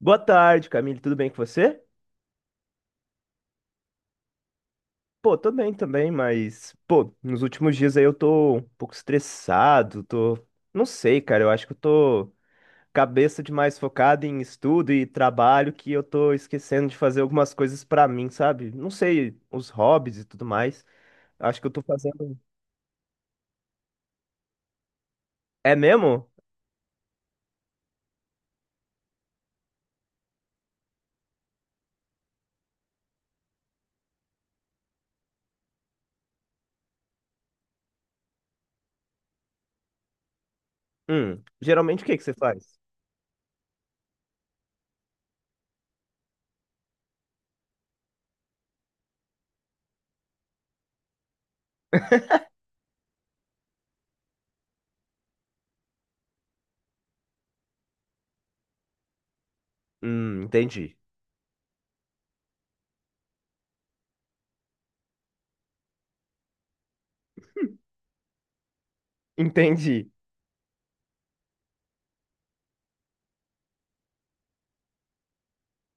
Boa tarde, Camille. Tudo bem com você? Pô, tô bem também, mas, pô, nos últimos dias aí eu tô um pouco estressado, tô. Não sei, cara, eu acho que eu tô cabeça demais focada em estudo e trabalho que eu tô esquecendo de fazer algumas coisas pra mim, sabe? Não sei, os hobbies e tudo mais. Acho que eu tô fazendo. É mesmo? Geralmente o que que você faz? Entendi. Entendi.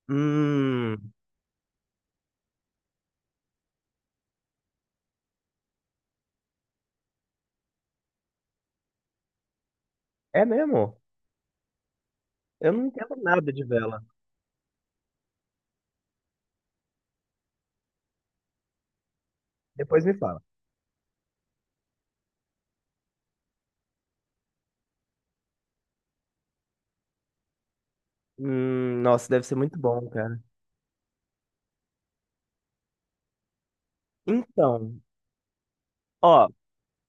Hum, é mesmo? Eu não entendo nada de vela. Depois me fala. Nossa, deve ser muito bom, cara. Então, ó,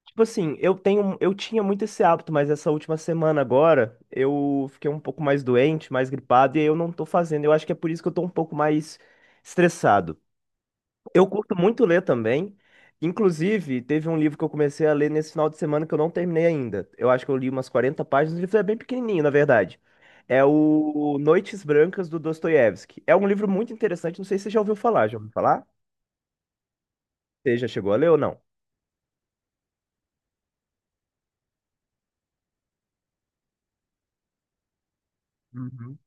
tipo assim, eu tinha muito esse hábito, mas essa última semana agora eu fiquei um pouco mais doente, mais gripado, e aí eu não tô fazendo. Eu acho que é por isso que eu tô um pouco mais estressado. Eu curto muito ler também. Inclusive, teve um livro que eu comecei a ler nesse final de semana que eu não terminei ainda. Eu acho que eu li umas 40 páginas, o livro é bem pequenininho, na verdade. É o Noites Brancas do Dostoiévski. É um livro muito interessante, não sei se você já ouviu falar. Já ouviu falar? Você já chegou a ler ou não? Uhum.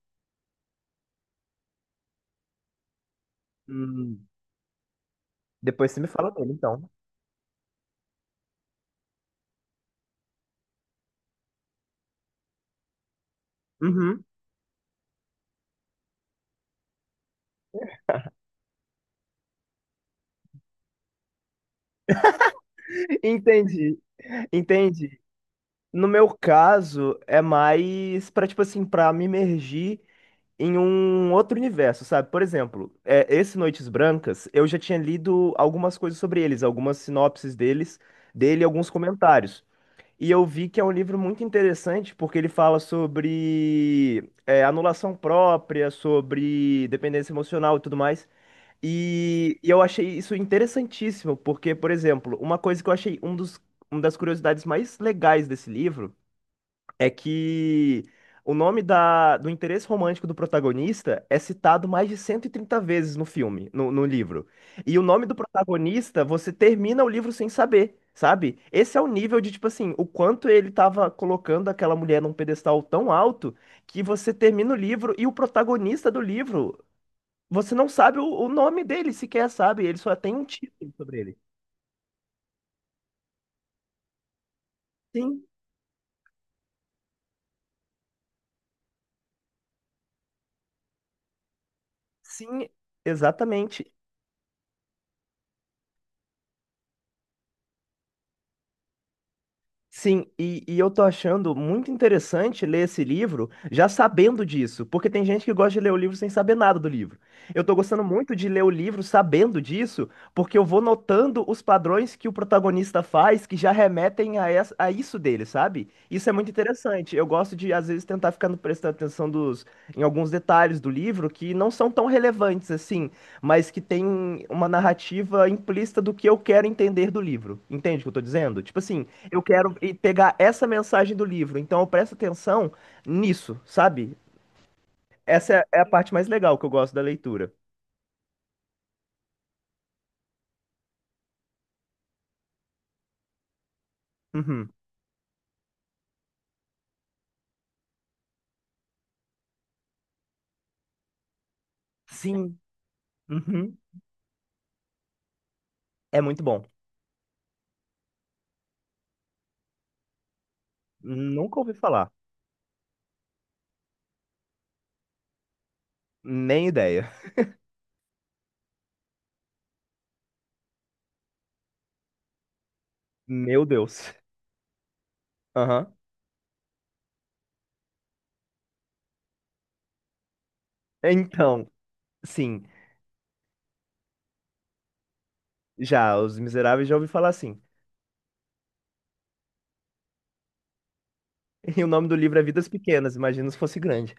Hum. Depois você me fala dele, então. Uhum. Entendi, entendi. No meu caso, é mais pra, tipo assim, pra me imergir em um outro universo, sabe? Por exemplo, esse Noites Brancas, eu já tinha lido algumas coisas sobre eles, algumas sinopses deles, dele, e alguns comentários. E eu vi que é um livro muito interessante porque ele fala sobre anulação própria, sobre dependência emocional e tudo mais. E eu achei isso interessantíssimo, porque, por exemplo, uma coisa que eu achei um dos, uma das curiosidades mais legais desse livro é que o nome da, do interesse romântico do protagonista é citado mais de 130 vezes no filme, no livro. E o nome do protagonista, você termina o livro sem saber, sabe? Esse é o nível de, tipo assim, o quanto ele tava colocando aquela mulher num pedestal tão alto que você termina o livro e o protagonista do livro você não sabe o nome dele sequer, sabe? Ele só tem um título sobre ele. Sim, sim, exatamente. Sim, e eu tô achando muito interessante ler esse livro já sabendo disso, porque tem gente que gosta de ler o livro sem saber nada do livro. Eu tô gostando muito de ler o livro sabendo disso, porque eu vou notando os padrões que o protagonista faz que já remetem a isso dele, sabe? Isso é muito interessante. Eu gosto de, às vezes, tentar ficar prestando atenção dos, em alguns detalhes do livro que não são tão relevantes assim, mas que tem uma narrativa implícita do que eu quero entender do livro. Entende o que eu tô dizendo? Tipo assim. Eu quero pegar essa mensagem do livro, então eu presto atenção nisso, sabe? Essa é a parte mais legal que eu gosto da leitura. Uhum. Sim. Uhum. É muito bom. Nunca ouvi falar. Nem ideia. Meu Deus. Aham. Então, sim. Já, Os Miseráveis já ouvi falar assim. E o nome do livro é Vidas Pequenas, imagina se fosse grande.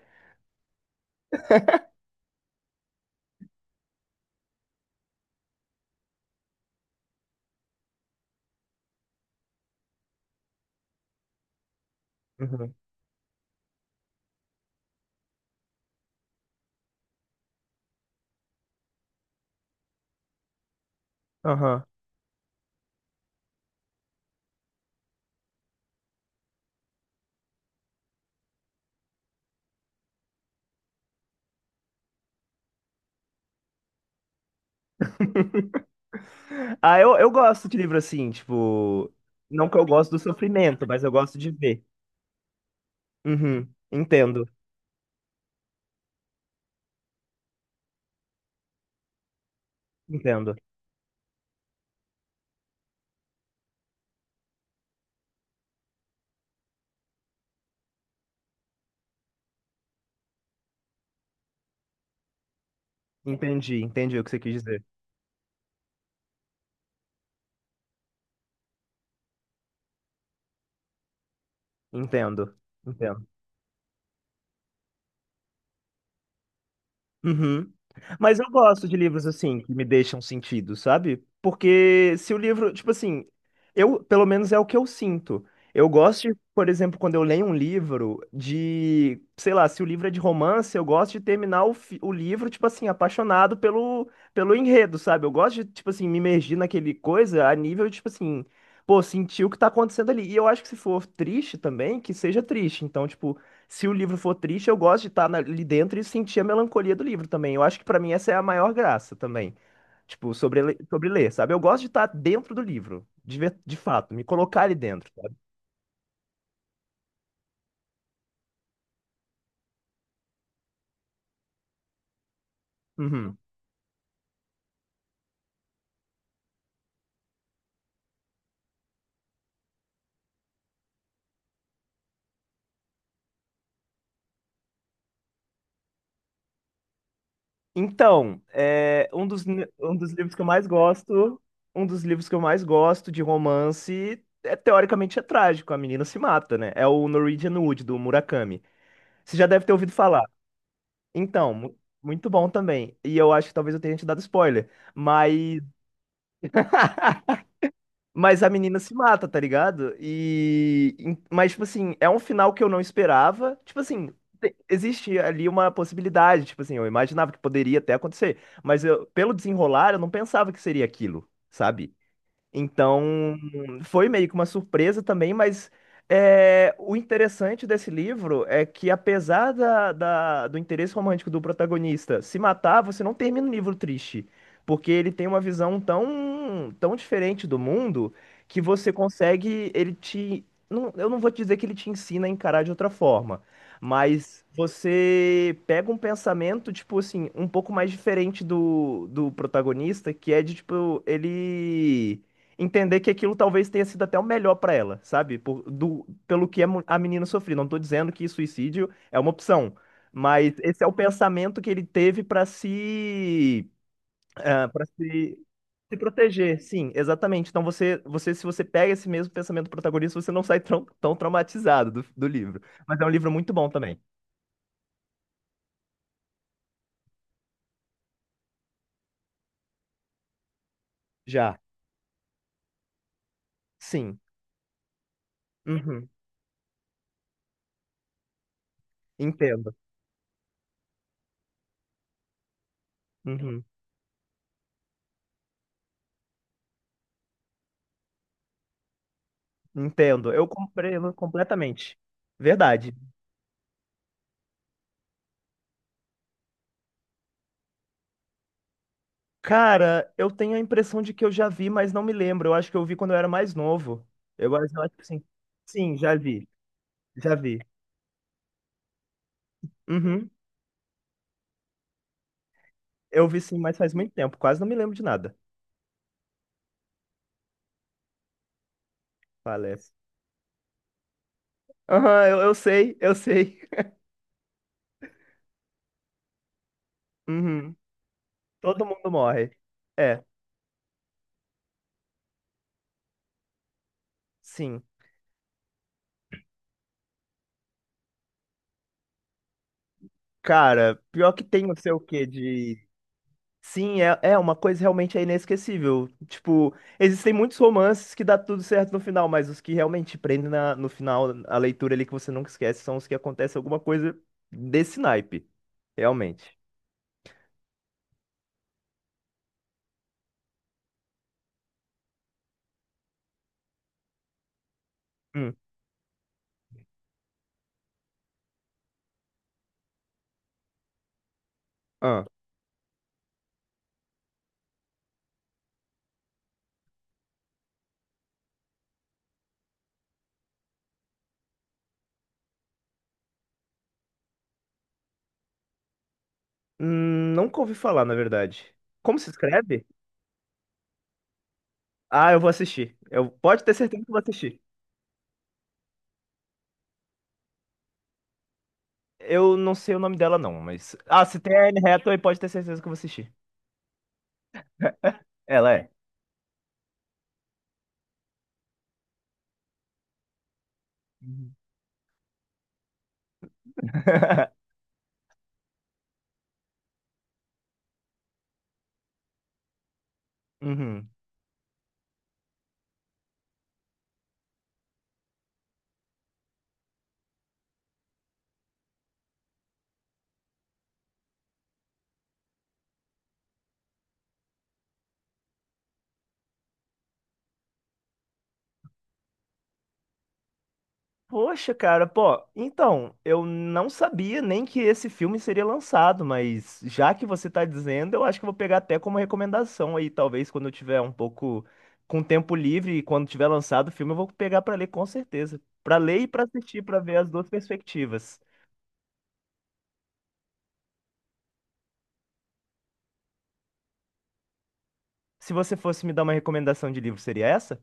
Uhum. Aham. Ah, eu gosto de livro assim, tipo. Não que eu gosto do sofrimento, mas eu gosto de ver. Uhum. Entendo. Entendo. Entendi, entendi o que você quis dizer. Entendo, entendo. Uhum. Mas eu gosto de livros assim, que me deixam sentido, sabe? Porque se o livro, tipo assim, eu, pelo menos é o que eu sinto. Eu gosto, de, por exemplo, quando eu leio um livro de, sei lá, se o livro é de romance, eu gosto de terminar o livro, tipo assim, apaixonado pelo enredo, sabe? Eu gosto de, tipo assim, me imergir naquele coisa a nível, tipo assim, pô, sentir o que tá acontecendo ali. E eu acho que se for triste também, que seja triste. Então, tipo, se o livro for triste, eu gosto de estar ali dentro e sentir a melancolia do livro também. Eu acho que pra mim essa é a maior graça também. Tipo, sobre ler, sabe? Eu gosto de estar dentro do livro, de fato, me colocar ali dentro, sabe? Uhum. Então, um dos livros que eu mais gosto, um dos livros que eu mais gosto de romance, teoricamente é trágico, a menina se mata, né? É o Norwegian Wood, do Murakami. Você já deve ter ouvido falar. Então, muito bom também. E eu acho que talvez eu tenha te dado spoiler, mas... Mas a menina se mata, tá ligado? Mas, tipo assim, é um final que eu não esperava. Tipo assim, existe ali uma possibilidade. Tipo assim, eu imaginava que poderia até acontecer. Mas eu, pelo desenrolar, eu não pensava que seria aquilo, sabe? Então, foi meio que uma surpresa também, mas o interessante desse livro é que, apesar do interesse romântico do protagonista se matar, você não termina o livro triste, porque ele tem uma visão tão, tão diferente do mundo que você consegue, ele te, eu não vou te dizer que ele te ensina a encarar de outra forma, mas você pega um pensamento, tipo assim, um pouco mais diferente do protagonista, que é de, tipo, ele entender que aquilo talvez tenha sido até o melhor pra ela, sabe? Pelo que a a menina sofreu. Não tô dizendo que suicídio é uma opção, mas esse é o pensamento que ele teve pra se proteger. Sim, exatamente. Então se você pega esse mesmo pensamento protagonista, você não sai tão, tão traumatizado do livro. Mas é um livro muito bom também. Já. Sim. Uhum. Entendo. Uhum. Entendo. Eu compreendo completamente. Verdade. Cara, eu tenho a impressão de que eu já vi, mas não me lembro. Eu acho que eu vi quando eu era mais novo. Eu acho que sim. Sim, já vi. Já vi. Uhum. Eu vi sim, mas faz muito tempo. Quase não me lembro de nada. Falece. Aham, eu sei, eu sei. Uhum. Todo mundo morre. É, sim. Cara, pior que tem não sei o quê de Sim, é uma coisa realmente é inesquecível. Tipo, existem muitos romances que dá tudo certo no final, mas os que realmente prendem no final a leitura ali que você nunca esquece são os que acontece alguma coisa desse naipe, realmente. Hum, ah. Nunca ouvi falar, na verdade. Como se escreve? Ah, eu vou assistir. Eu pode ter certeza que eu vou assistir. Eu não sei o nome dela não, mas se tem a Anne Hathaway, pode ter certeza que eu vou assistir. Ela é. Uhum. Uhum. Poxa, cara, pô, então, eu não sabia nem que esse filme seria lançado, mas já que você tá dizendo, eu acho que eu vou pegar até como recomendação aí, talvez quando eu tiver um pouco com tempo livre e quando tiver lançado o filme, eu vou pegar pra ler com certeza. Pra ler e pra assistir, pra ver as duas perspectivas. Se você fosse me dar uma recomendação de livro, seria essa?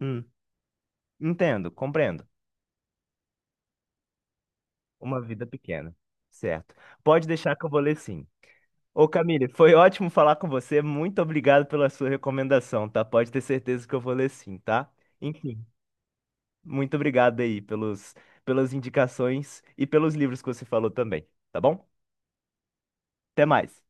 Hum, entendo, compreendo. Uma vida pequena. Certo. Pode deixar que eu vou ler sim. Ô Camille, foi ótimo falar com você. Muito obrigado pela sua recomendação, tá? Pode ter certeza que eu vou ler sim, tá? Enfim, muito obrigado aí pelos, pelas indicações e pelos livros que você falou também, tá bom? Até mais.